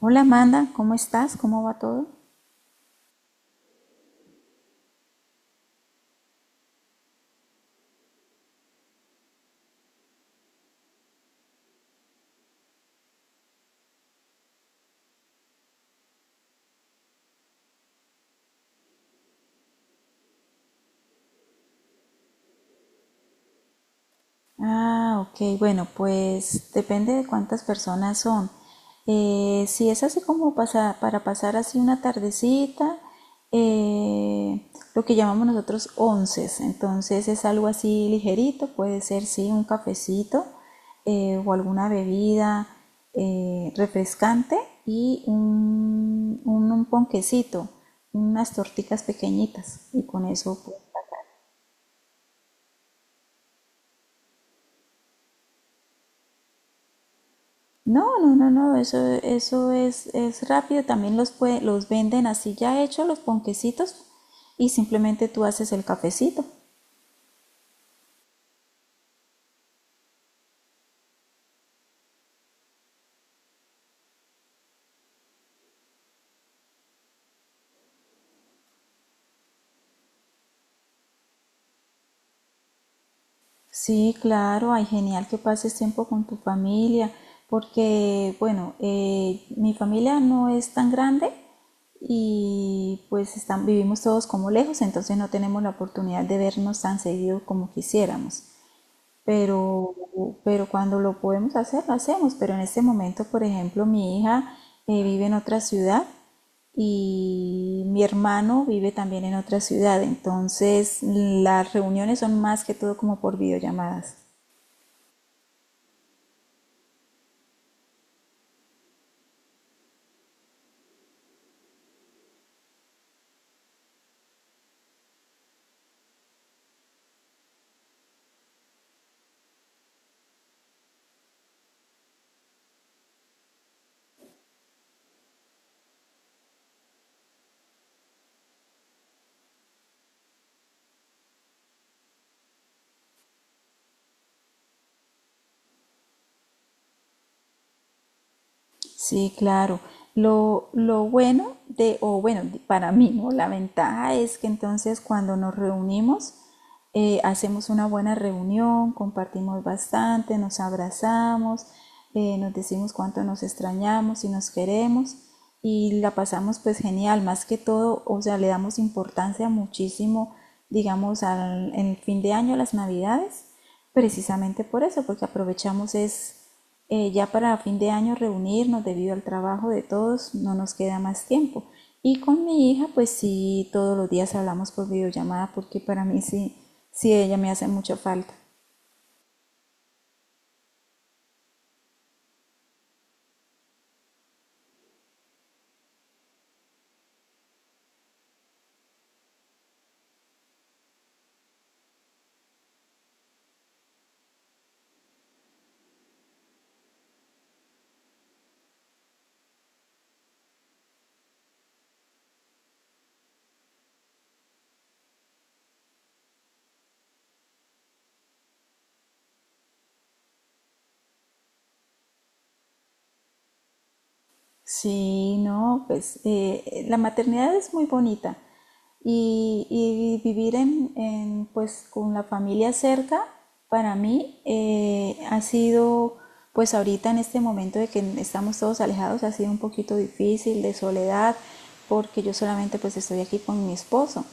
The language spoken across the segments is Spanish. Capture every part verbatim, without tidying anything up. Hola Amanda, ¿cómo estás? ¿Cómo va todo? Ah, ok, bueno, pues depende de cuántas personas son. Eh, si es así como pasa- para pasar así una tardecita, eh, lo que llamamos nosotros onces, entonces es algo así ligerito, puede ser sí un cafecito eh, o alguna bebida eh, refrescante y un, un, un ponquecito, unas torticas pequeñitas y con eso pues, no, no, no, no, eso, eso es, es rápido. También los, pue- los venden así ya hechos los ponquecitos y simplemente tú haces el cafecito. Sí, claro, ay, genial que pases tiempo con tu familia, porque, bueno, eh, mi familia no es tan grande y pues están, vivimos todos como lejos, entonces no tenemos la oportunidad de vernos tan seguido como quisiéramos. pero, pero cuando lo podemos hacer, lo hacemos. Pero en este momento, por ejemplo, mi hija eh, vive en otra ciudad y mi hermano vive también en otra ciudad. Entonces, las reuniones son más que todo como por videollamadas. Sí, claro. Lo, lo bueno de, o bueno, para mí, ¿no? La ventaja es que entonces cuando nos reunimos, eh, hacemos una buena reunión, compartimos bastante, nos abrazamos, eh, nos decimos cuánto nos extrañamos y nos queremos y la pasamos pues genial, más que todo, o sea, le damos importancia muchísimo, digamos, al, en el fin de año, las navidades, precisamente por eso, porque aprovechamos es eh, ya para fin de año reunirnos debido al trabajo de todos, no nos queda más tiempo. Y con mi hija, pues sí, todos los días hablamos por videollamada porque para mí sí, sí, ella me hace mucha falta. Sí, no, pues eh, la maternidad es muy bonita y, y vivir en, en, pues con la familia cerca para mí eh, ha sido pues ahorita en este momento de que estamos todos alejados ha sido un poquito difícil de soledad porque yo solamente pues estoy aquí con mi esposo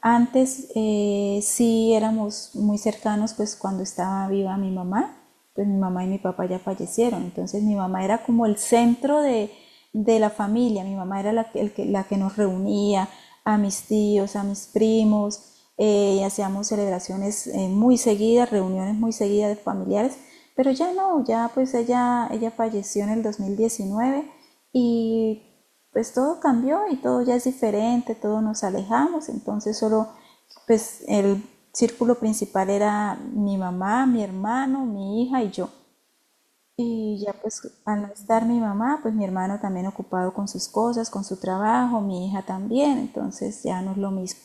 antes eh, sí éramos muy cercanos, pues cuando estaba viva mi mamá, pues mi mamá y mi papá ya fallecieron, entonces mi mamá era como el centro de, de la familia, mi mamá era la que, el que- la que nos reunía a mis tíos, a mis primos, eh, y hacíamos celebraciones eh, muy seguidas, reuniones muy seguidas de familiares, pero ya no, ya pues ella, ella falleció en el dos mil diecinueve y pues todo cambió y todo ya es diferente, todos nos alejamos, entonces solo pues el círculo principal era mi mamá, mi hermano, mi hija y yo. Y ya pues al no estar mi mamá, pues mi hermano también ocupado con sus cosas, con su trabajo, mi hija también, entonces ya no es lo mismo.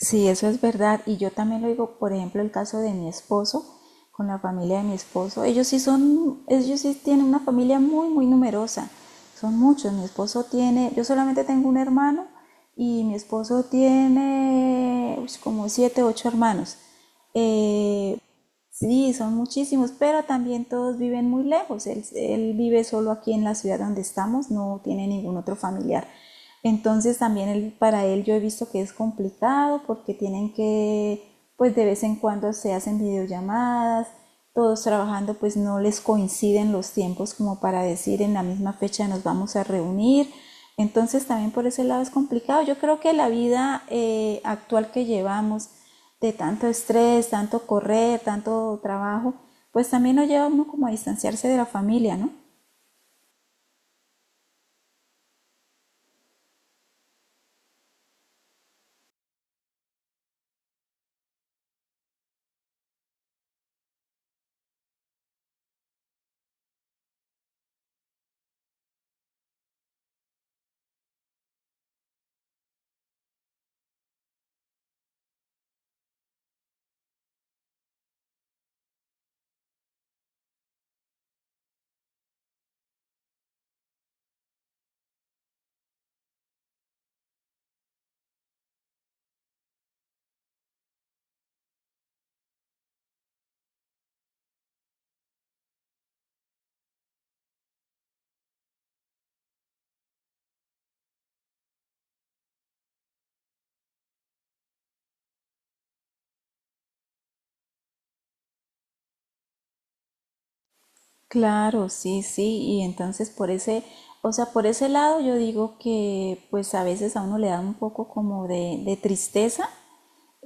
Sí, eso es verdad. Y yo también lo digo, por ejemplo, el caso de mi esposo, con la familia de mi esposo. Ellos sí son, ellos sí tienen una familia muy, muy numerosa. Son muchos. Mi esposo tiene, yo solamente tengo un hermano y mi esposo tiene uy, como siete, ocho hermanos. Eh, Sí, son muchísimos, pero también todos viven muy lejos. Él, él vive solo aquí en la ciudad donde estamos, no tiene ningún otro familiar. Entonces también él- para él yo he visto que es complicado porque tienen que, pues de vez en cuando se hacen videollamadas, todos trabajando, pues no les coinciden los tiempos como para decir en la misma fecha nos vamos a reunir. Entonces también por ese lado es complicado. Yo creo que la vida eh, actual que llevamos, de tanto estrés, tanto correr, tanto trabajo, pues también nos lleva uno como a distanciarse de la familia, ¿no? Claro, sí, sí, y entonces por ese, o sea, por ese lado yo digo que pues a veces a uno le da un poco como de, de tristeza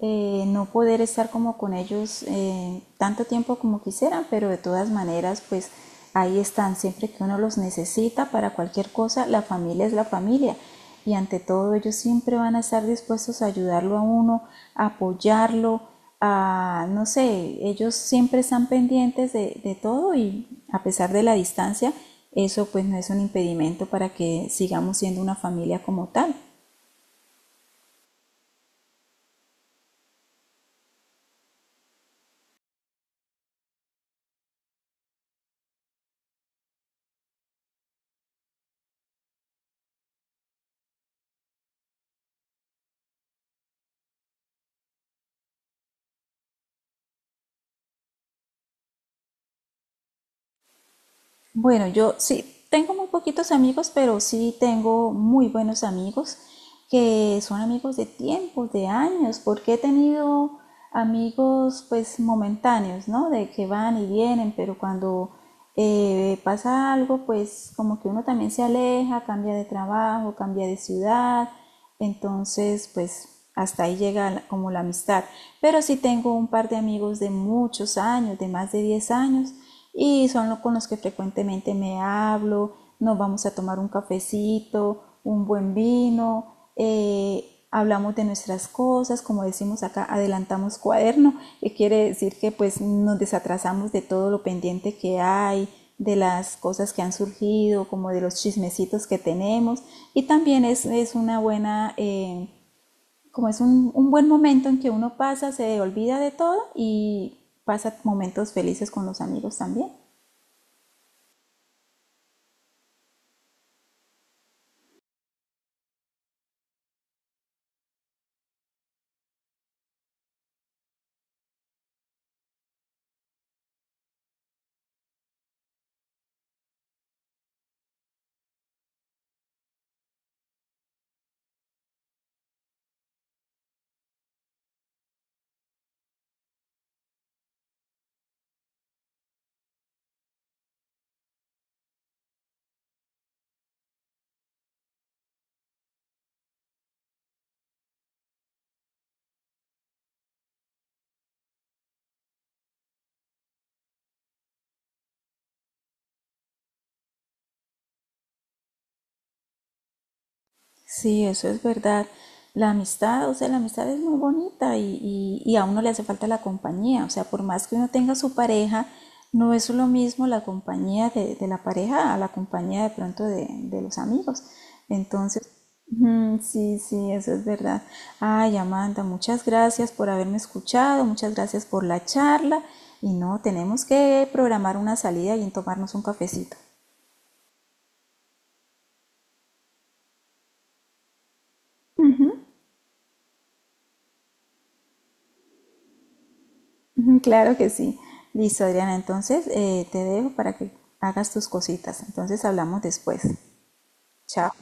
eh, no poder estar como con ellos eh, tanto tiempo como quisieran, pero de todas maneras, pues ahí están, siempre que uno los necesita para cualquier cosa, la familia es la familia y ante todo ellos siempre van a estar dispuestos a ayudarlo a uno, a apoyarlo, a, no sé, ellos siempre están pendientes de, de todo y a pesar de la distancia, eso pues no es un impedimento para que sigamos siendo una familia como tal. Bueno, yo sí, tengo muy poquitos amigos, pero sí tengo muy buenos amigos que son amigos de tiempos, de años, porque he tenido amigos pues momentáneos, ¿no? De que van y vienen, pero cuando eh, pasa algo, pues como que uno también se aleja, cambia de trabajo, cambia de ciudad, entonces pues hasta ahí llega la- como la amistad. Pero sí tengo un par de amigos de muchos años, de más de diez años, y son los con los que frecuentemente me hablo, nos vamos a tomar un cafecito, un buen vino, eh, hablamos de nuestras cosas, como decimos acá, adelantamos cuaderno, que quiere decir que pues nos desatrasamos de todo lo pendiente que hay, de las cosas que han surgido, como de los chismecitos que tenemos. Y también es, es una buena, eh, como es un, un, buen momento en que uno pasa, se olvida de todo y pasa momentos felices con los amigos también. Sí, eso es verdad. La amistad, o sea, la amistad es muy bonita y, y- y a uno le hace falta la compañía. O sea, por más que uno tenga su pareja, no es lo mismo la compañía de, de la pareja a la compañía de pronto de, de los amigos. Entonces, mm, sí, sí, eso es verdad. Ay, Amanda, muchas gracias por haberme escuchado, muchas gracias por la charla. Y no, tenemos que programar una salida y tomarnos un cafecito. Ujú, claro que sí. Listo, Adriana. Entonces, eh, te dejo para que hagas tus cositas. Entonces, hablamos después. Chao.